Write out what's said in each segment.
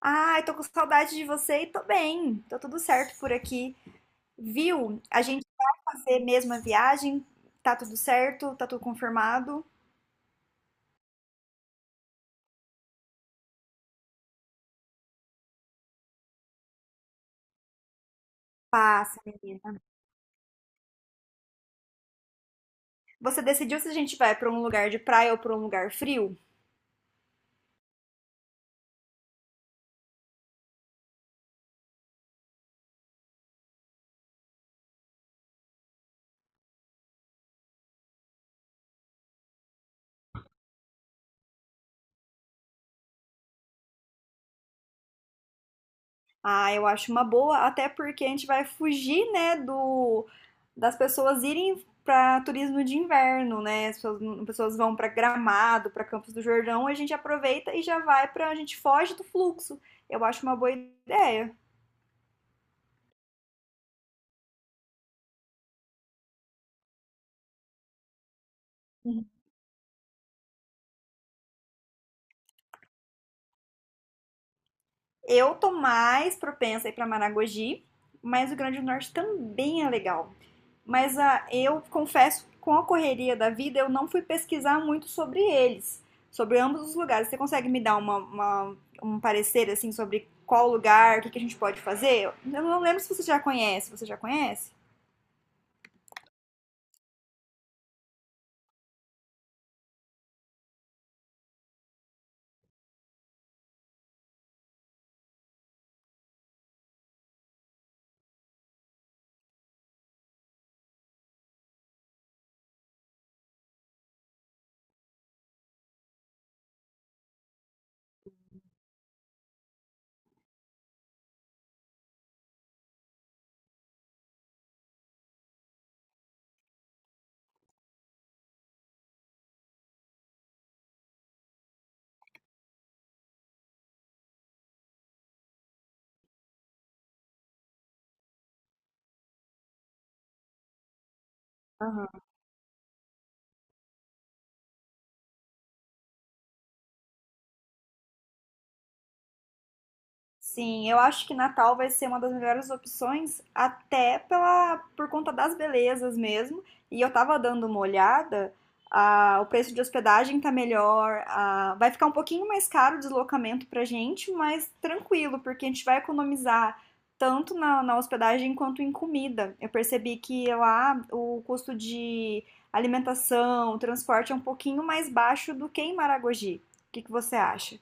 Ai, tô com saudade de você e tô bem. Tô tudo certo por aqui. Viu? A gente vai fazer mesmo a viagem. Tá tudo certo? Tá tudo confirmado? Passa, menina. Você decidiu se a gente vai pra um lugar de praia ou pra um lugar frio? Ah, eu acho uma boa, até porque a gente vai fugir, né, do das pessoas irem pra turismo de inverno, né? As pessoas vão pra Gramado, pra Campos do Jordão, a gente aproveita e a gente foge do fluxo. Eu acho uma boa ideia. Eu tô mais propensa a ir pra Maragogi, mas o Rio Grande do Norte também é legal. Mas ah, eu confesso, com a correria da vida, eu não fui pesquisar muito sobre eles, sobre ambos os lugares. Você consegue me dar um parecer, assim, sobre qual lugar, o que que a gente pode fazer? Eu não lembro se você já conhece. Você já conhece? Sim, eu acho que Natal vai ser uma das melhores opções, até por conta das belezas mesmo. E eu tava dando uma olhada, ah, o preço de hospedagem tá melhor, ah, vai ficar um pouquinho mais caro o deslocamento pra gente, mas tranquilo, porque a gente vai economizar tanto na hospedagem quanto em comida. Eu percebi que lá o custo de alimentação, transporte é um pouquinho mais baixo do que em Maragogi. O que que você acha?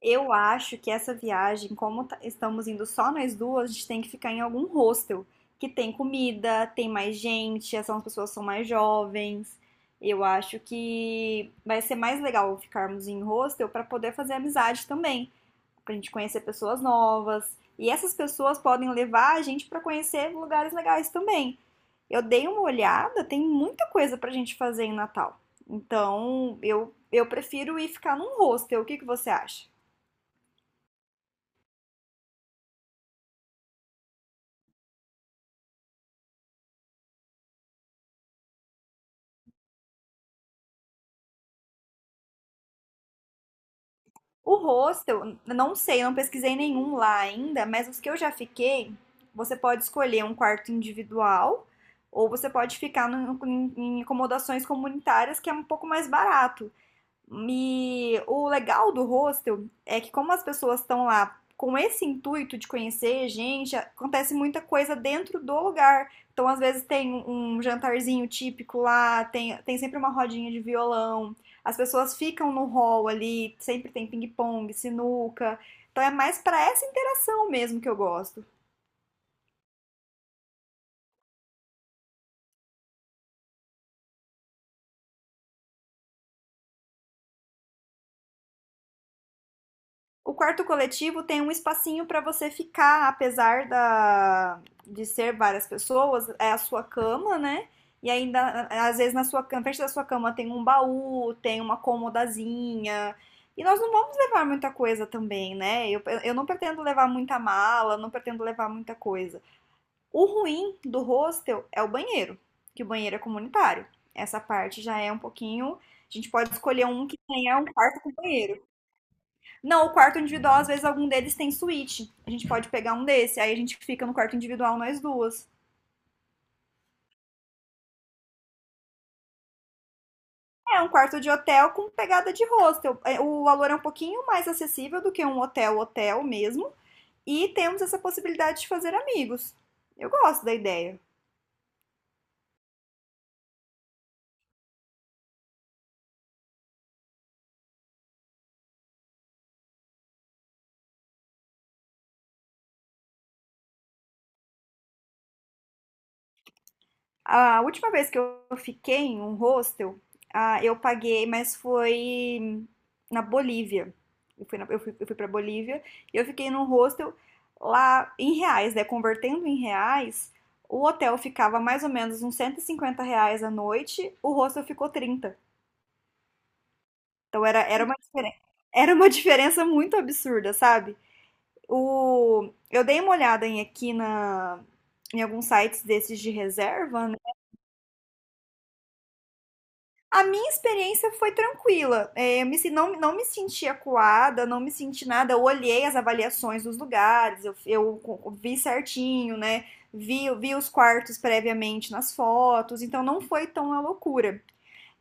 Eu acho que essa viagem, como tá- estamos indo só nós duas, a gente tem que ficar em algum hostel que tem comida, tem mais gente, as pessoas são mais jovens. Eu acho que vai ser mais legal ficarmos em hostel para poder fazer amizade também, para a gente conhecer pessoas novas. E essas pessoas podem levar a gente para conhecer lugares legais também. Eu dei uma olhada, tem muita coisa para a gente fazer em Natal. Então, eu prefiro ir ficar num hostel. O que que você acha? O hostel, não sei, não pesquisei nenhum lá ainda, mas os que eu já fiquei, você pode escolher um quarto individual ou você pode ficar em acomodações comunitárias que é um pouco mais barato. E o legal do hostel é que como as pessoas estão lá com esse intuito de conhecer gente, acontece muita coisa dentro do lugar. Então, às vezes tem um jantarzinho típico lá, tem sempre uma rodinha de violão, as pessoas ficam no hall ali, sempre tem ping-pong, sinuca. Então é mais para essa interação mesmo que eu gosto. O quarto coletivo tem um espacinho para você ficar, apesar de ser várias pessoas, é a sua cama, né? E ainda, às vezes, na frente da sua cama tem um baú, tem uma comodazinha. E nós não vamos levar muita coisa também, né? Eu não pretendo levar muita mala, não pretendo levar muita coisa. O ruim do hostel é o banheiro, que o banheiro é comunitário. Essa parte já é um pouquinho. A gente pode escolher um que tenha um quarto com banheiro. Não, o quarto individual, às vezes, algum deles tem suíte. A gente pode pegar um desse, aí a gente fica no quarto individual nós duas. É um quarto de hotel com pegada de hostel. É. O valor é um pouquinho mais acessível do que um hotel hotel mesmo. E temos essa possibilidade de fazer amigos. Eu gosto da ideia. A última vez que eu fiquei em um hostel, ah, eu paguei, mas foi na Bolívia. Eu fui para Bolívia e eu fiquei num hostel lá em reais, né? Convertendo em reais, o hotel ficava mais ou menos uns 150 reais a noite, o hostel ficou 30. Então era uma diferença, era uma diferença muito absurda, sabe? Eu dei uma olhada em alguns sites desses de reserva, né? A minha experiência foi tranquila. É, não, não me senti acuada, não me senti nada. Eu olhei as avaliações dos lugares, vi certinho, né? Vi os quartos previamente nas fotos, então não foi tão a loucura.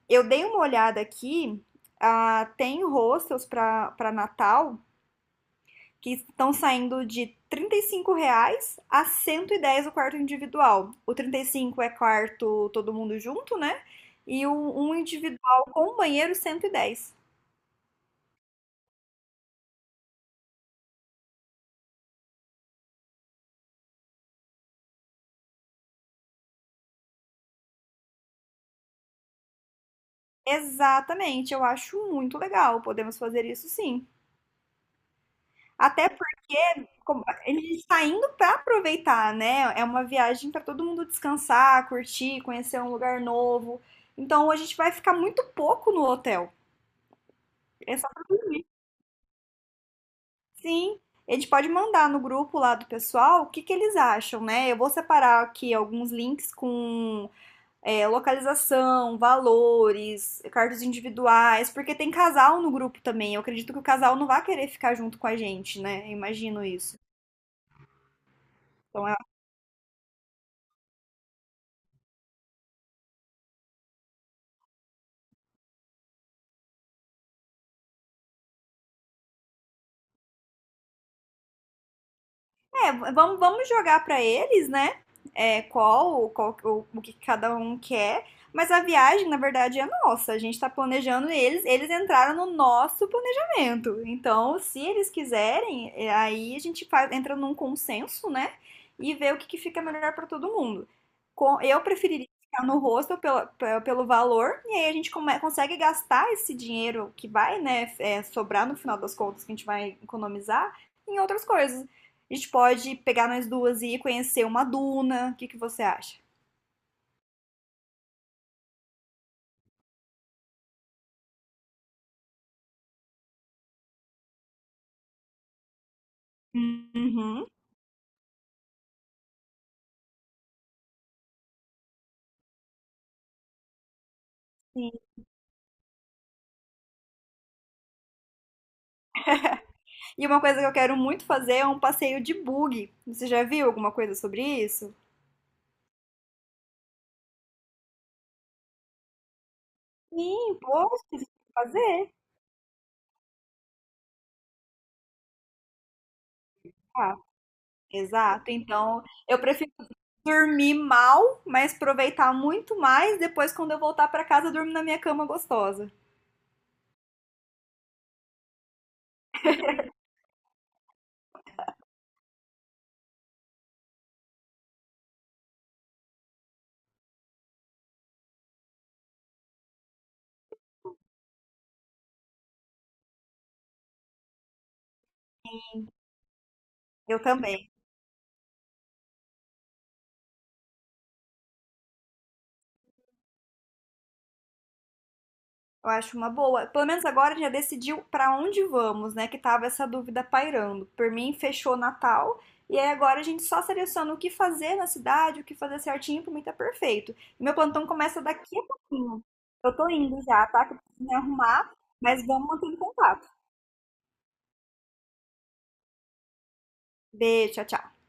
Eu dei uma olhada aqui, ah, tem hostels para Natal que estão saindo de R$ 35 reais a 110 o quarto individual. O 35 é quarto todo mundo junto, né? E um individual com banheiro 110. Exatamente, eu acho muito legal. Podemos fazer isso sim. Até porque como, ele está indo para aproveitar, né? É uma viagem para todo mundo descansar, curtir, conhecer um lugar novo. Então a gente vai ficar muito pouco no hotel. É só pra dormir. Sim, eles podem mandar no grupo lá do pessoal o que que eles acham, né? Eu vou separar aqui alguns links com localização, valores, cartas individuais, porque tem casal no grupo também. Eu acredito que o casal não vai querer ficar junto com a gente, né? Eu imagino isso. Então é É, vamos jogar para eles, né? É, qual o que cada um quer. Mas a viagem, na verdade, é nossa. A gente tá planejando eles, entraram no nosso planejamento. Então, se eles quiserem, é, aí a gente faz, entra num consenso, né? E vê o que, que fica melhor para todo mundo. Eu preferiria ficar no rosto pelo valor, e aí a gente consegue gastar esse dinheiro que vai, né, sobrar no final das contas, que a gente vai economizar, em outras coisas. A gente pode pegar nós duas e ir conhecer uma duna. O que que você acha? Uhum. Sim. E uma coisa que eu quero muito fazer é um passeio de bug. Você já viu alguma coisa sobre isso? Sim, poxa, tem que fazer. Ah, exato. Então, eu prefiro dormir mal, mas aproveitar muito mais depois quando eu voltar para casa, eu durmo na minha cama gostosa. Eu também. Eu acho uma boa. Pelo menos agora já decidiu pra onde vamos, né? Que tava essa dúvida pairando. Por mim, fechou Natal. E aí agora a gente só seleciona o que fazer na cidade, o que fazer certinho, pra mim tá perfeito. E meu plantão começa daqui a pouquinho. Eu tô indo já, tá? Que eu preciso me arrumar, mas vamos manter em contato. Beijo, tchau, tchau.